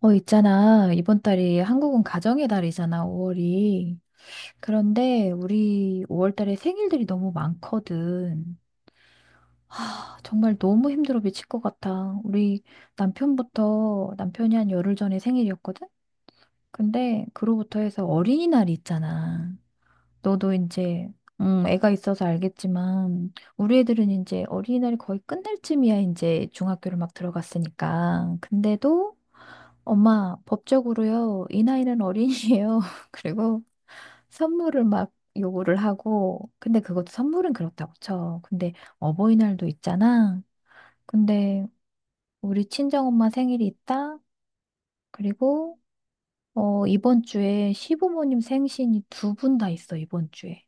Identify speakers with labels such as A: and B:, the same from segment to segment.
A: 어, 있잖아. 이번 달이 한국은 가정의 달이잖아, 5월이. 그런데 우리 5월 달에 생일들이 너무 많거든. 아, 정말 너무 힘들어 미칠 것 같아. 우리 남편부터, 남편이 한 열흘 전에 생일이었거든? 근데 그로부터 해서 어린이날이 있잖아. 너도 이제, 애가 있어서 알겠지만, 우리 애들은 이제 어린이날이 거의 끝날 쯤이야, 이제 중학교를 막 들어갔으니까. 근데도 엄마, 법적으로요, 이 나이는 어린이에요. 그리고 선물을 막 요구를 하고, 근데 그것도 선물은 그렇다고 쳐. 근데 어버이날도 있잖아. 근데 우리 친정엄마 생일이 있다. 그리고, 이번 주에 시부모님 생신이 두 분 다 있어, 이번 주에.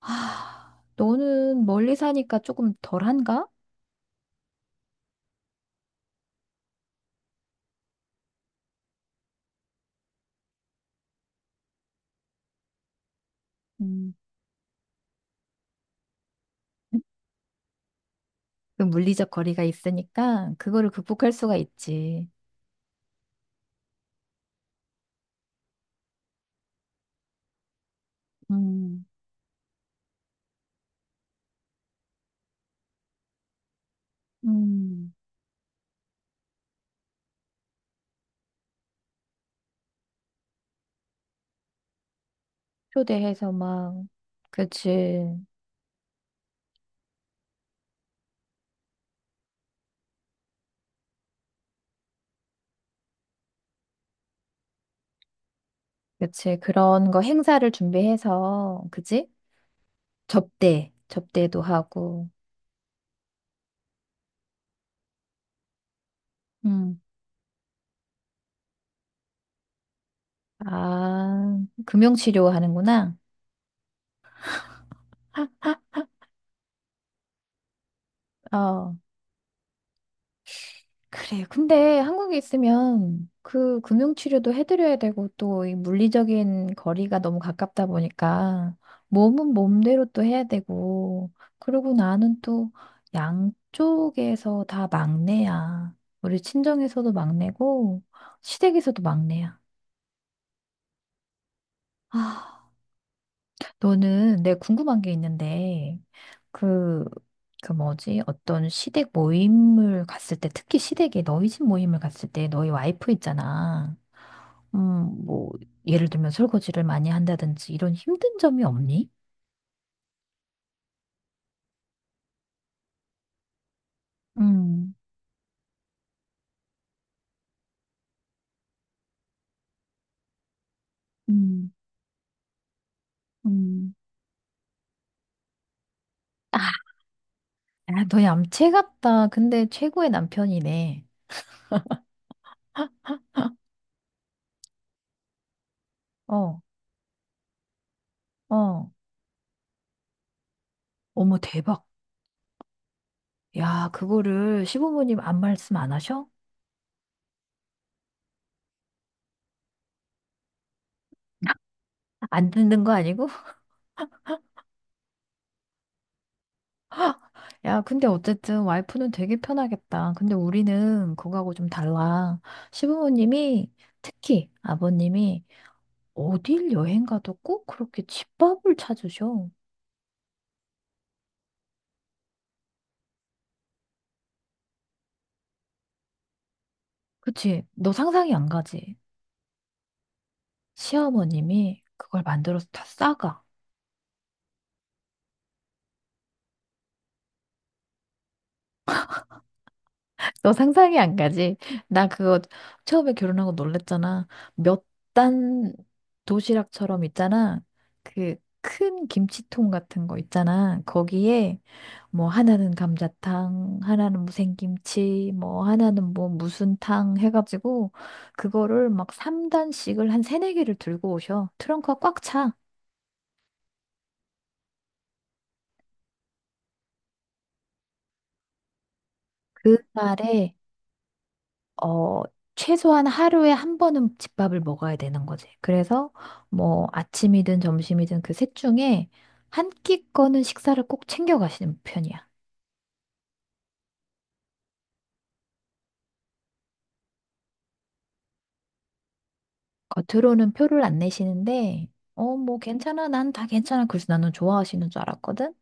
A: 아, 너는 멀리 사니까 조금 덜한가? 음, 그 물리적 거리가 있으니까 그거를 극복할 수가 있지. 음, 음. 초대해서 막, 그치. 그치. 그런 거 행사를 준비해서, 그치? 접대, 접대도 하고. 음. 아, 금융치료 하는구나. 어. 그래. 근데 한국에 있으면 그 금융치료도 해드려야 되고 또 이 물리적인 거리가 너무 가깝다 보니까 몸은 몸대로 또 해야 되고 그러고 나는 또 양쪽에서 다 막내야. 우리 친정에서도 막내고 시댁에서도 막내야. 아, 너는 내 궁금한 게 있는데 그, 그 뭐지? 어떤 시댁 모임을 갔을 때 특히 시댁에 너희 집 모임을 갔을 때 너희 와이프 있잖아. 뭐, 예를 들면 설거지를 많이 한다든지 이런 힘든 점이 없니? 음, 음, 음. 아, 너 얌체 같다. 근데 최고의 남편이네. 어, 어. 어머, 대박. 야, 그거를 시부모님 안 말씀 안 하셔? 안 듣는 거 아니고? 야, 근데 어쨌든 와이프는 되게 편하겠다. 근데 우리는 그거하고 좀 달라. 시부모님이 특히 아버님이 어딜 여행 가도 꼭 그렇게 집밥을 찾으셔. 그치. 너 상상이 안 가지. 시어머님이 그걸 만들어서 다 싸가. 너 상상이 안 가지. 나 그거 처음에 결혼하고 놀랬잖아. 몇 단 도시락처럼 있잖아. 그 큰 김치통 같은 거 있잖아. 거기에 뭐 하나는 감자탕, 하나는 무생김치, 뭐 하나는 뭐 무슨 탕 해가지고 그거를 막 3단씩을 한 세네 개를 들고 오셔. 트렁크가 꽉 차. 그 날에 어, 최소한 하루에 한 번은 집밥을 먹어야 되는 거지. 그래서 뭐 아침이든 점심이든 그 셋 중에 한 끼거는 식사를 꼭 챙겨가시는 편이야. 겉으로는 표를 안 내시는데, 뭐 괜찮아. 난 다 괜찮아. 그래서 나는 좋아하시는 줄 알았거든.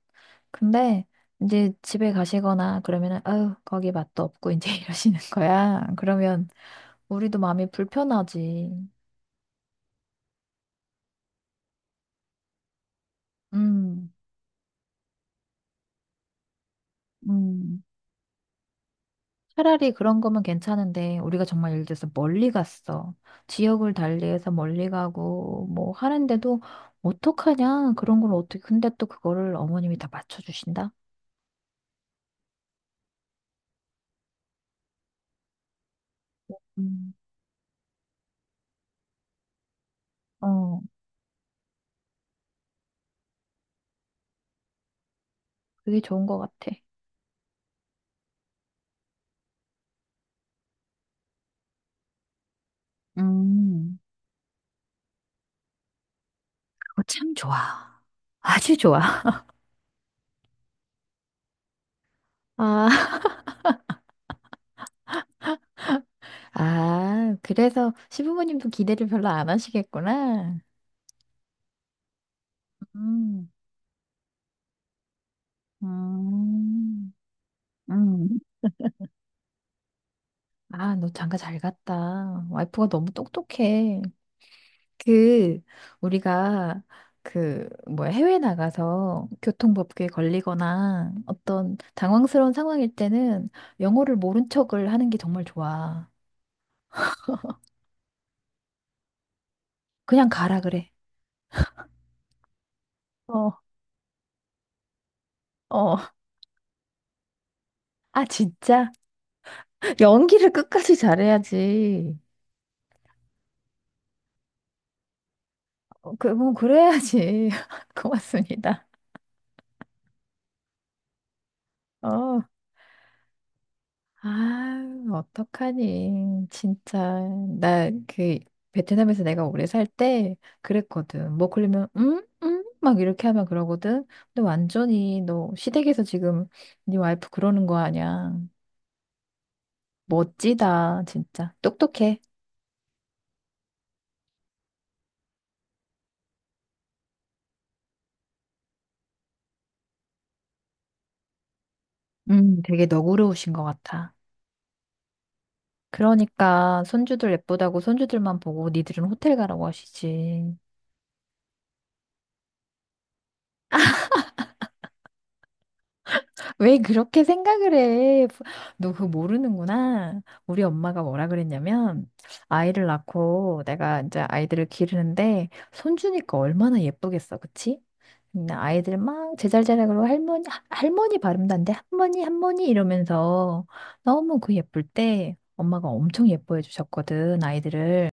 A: 근데 이제 집에 가시거나 그러면은, 아유, 거기 맛도 없고 이제 이러시는 거야. 그러면 우리도 마음이 불편하지. 음, 음. 차라리 그런 거면 괜찮은데 우리가 정말 예를 들어서 멀리 갔어. 지역을 달리해서 멀리 가고 뭐 하는데도 어떡하냐? 그런 걸 어떻게 근데 또 그거를 어머님이 다 맞춰주신다? 음, 어, 그게 좋은 것 같아. 음, 그거 참 좋아. 아주 좋아. 아, 아, 그래서 시부모님도 기대를 별로 안 하시겠구나. 음, 음, 음. 아, 너 장가 잘 갔다. 와이프가 너무 똑똑해. 그 우리가 그 뭐야 해외 나가서 교통법규에 걸리거나 어떤 당황스러운 상황일 때는 영어를 모른 척을 하는 게 정말 좋아. 그냥 가라 그래. 어, 어. 아 진짜. 연기를 끝까지 잘해야지. 어, 그, 뭐 그래야지. 고맙습니다. 어, 아, 어떡하니. 진짜. 나 그 베트남에서 내가 오래 살 때 그랬거든. 뭐 그러면 응? 응? 막 이렇게 하면 그러거든. 근데 완전히 너 시댁에서 지금 네 와이프 그러는 거 아니야. 멋지다, 진짜. 똑똑해. 되게 너그러우신 것 같아. 그러니까 손주들 예쁘다고 손주들만 보고 니들은 호텔 가라고 하시지. 왜 그렇게 생각을 해? 너 그거 모르는구나. 우리 엄마가 뭐라 그랬냐면, 아이를 낳고 내가 이제 아이들을 기르는데, 손주니까 얼마나 예쁘겠어, 그치? 근데 아이들 막 제잘제잘하고 할머니, 할머니 발음단데, 할머니, 할머니 이러면서 너무 그 예쁠 때 엄마가 엄청 예뻐해 주셨거든, 아이들을.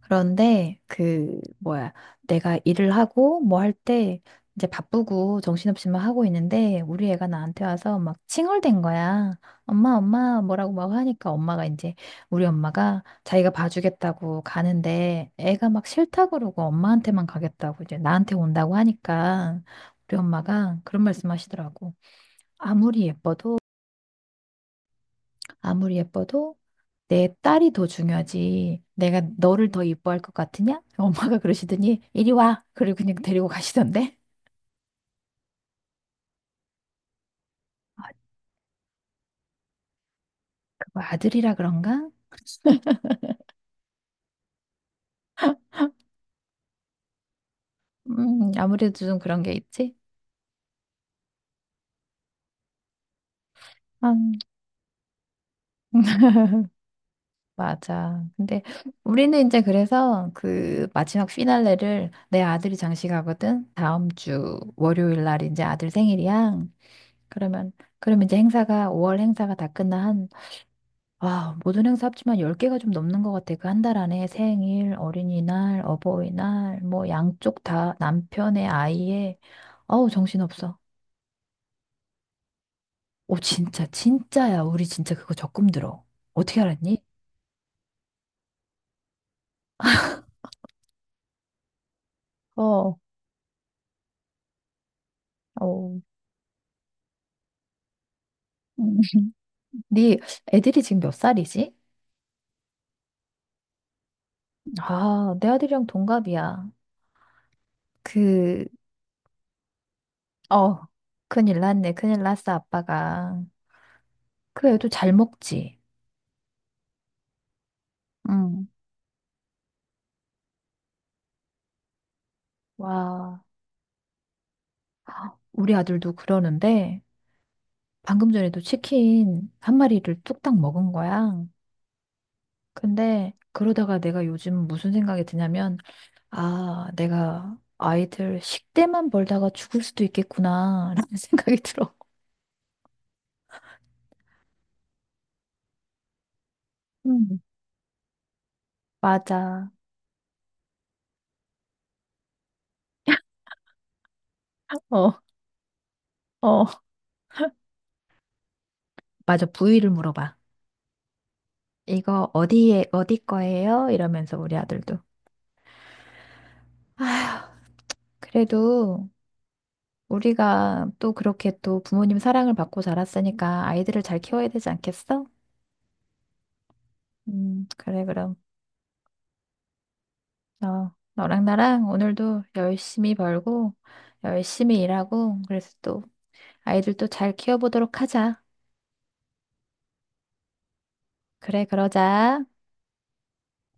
A: 그런데 그 뭐야 내가 일을 하고 뭐 할 때 이제 바쁘고 정신없이 막 하고 있는데 우리 애가 나한테 와서 막 칭얼댄 거야. 엄마 엄마 뭐라고 막 하니까 엄마가 이제 우리 엄마가 자기가 봐주겠다고 가는데 애가 막 싫다 그러고 엄마한테만 가겠다고 이제 나한테 온다고 하니까 우리 엄마가 그런 말씀 하시더라고. 아무리 예뻐도 아무리 예뻐도 내 딸이 더 중요하지. 내가 너를 더 이뻐할 것 같으냐? 엄마가 그러시더니 이리 와. 그리고 그냥 데리고 가시던데. 아, 그거 아들이라 그런가? 아무래도 좀 그런 게 있지. 음. 맞아. 근데 우리는 이제 그래서 그 마지막 피날레를 내 아들이 장식하거든. 다음 주 월요일 날 이제 아들 생일이야. 그러면 그러면 이제 행사가 5월 행사가 다 끝나. 와, 모든 행사 합치면 10개가 좀 넘는 것 같아. 그 한 달 안에 생일, 어린이날, 어버이날, 뭐 양쪽 다 남편의 아이의. 어우, 정신없어. 오, 진짜, 진짜야. 우리 진짜 그거 적금 들어. 어떻게 알았니? 어, 어. 네. 애들이 지금 몇 살이지? 아, 내 아들이랑 동갑이야. 그, 어, 큰일 났네. 큰일 났어, 아빠가. 그 애도 잘 먹지. 응. 와, 우리 아들도 그러는데. 방금 전에도 치킨 한 마리를 뚝딱 먹은 거야. 근데 그러다가 내가 요즘 무슨 생각이 드냐면, 아, 내가 아이들 식대만 벌다가 죽을 수도 있겠구나, 라는 생각이 들어. 음, 맞아. 어, 어. 맞아, 부위를 물어봐. 이거 어디에, 어디 거예요? 이러면서 우리 아들도. 그래도 우리가 또 그렇게 또 부모님 사랑을 받고 자랐으니까 아이들을 잘 키워야 되지 않겠어? 그래, 그럼. 너랑 나랑 오늘도 열심히 벌고, 열심히 일하고, 그래서 또 아이들도 잘 키워보도록 하자. 그래, 그러자.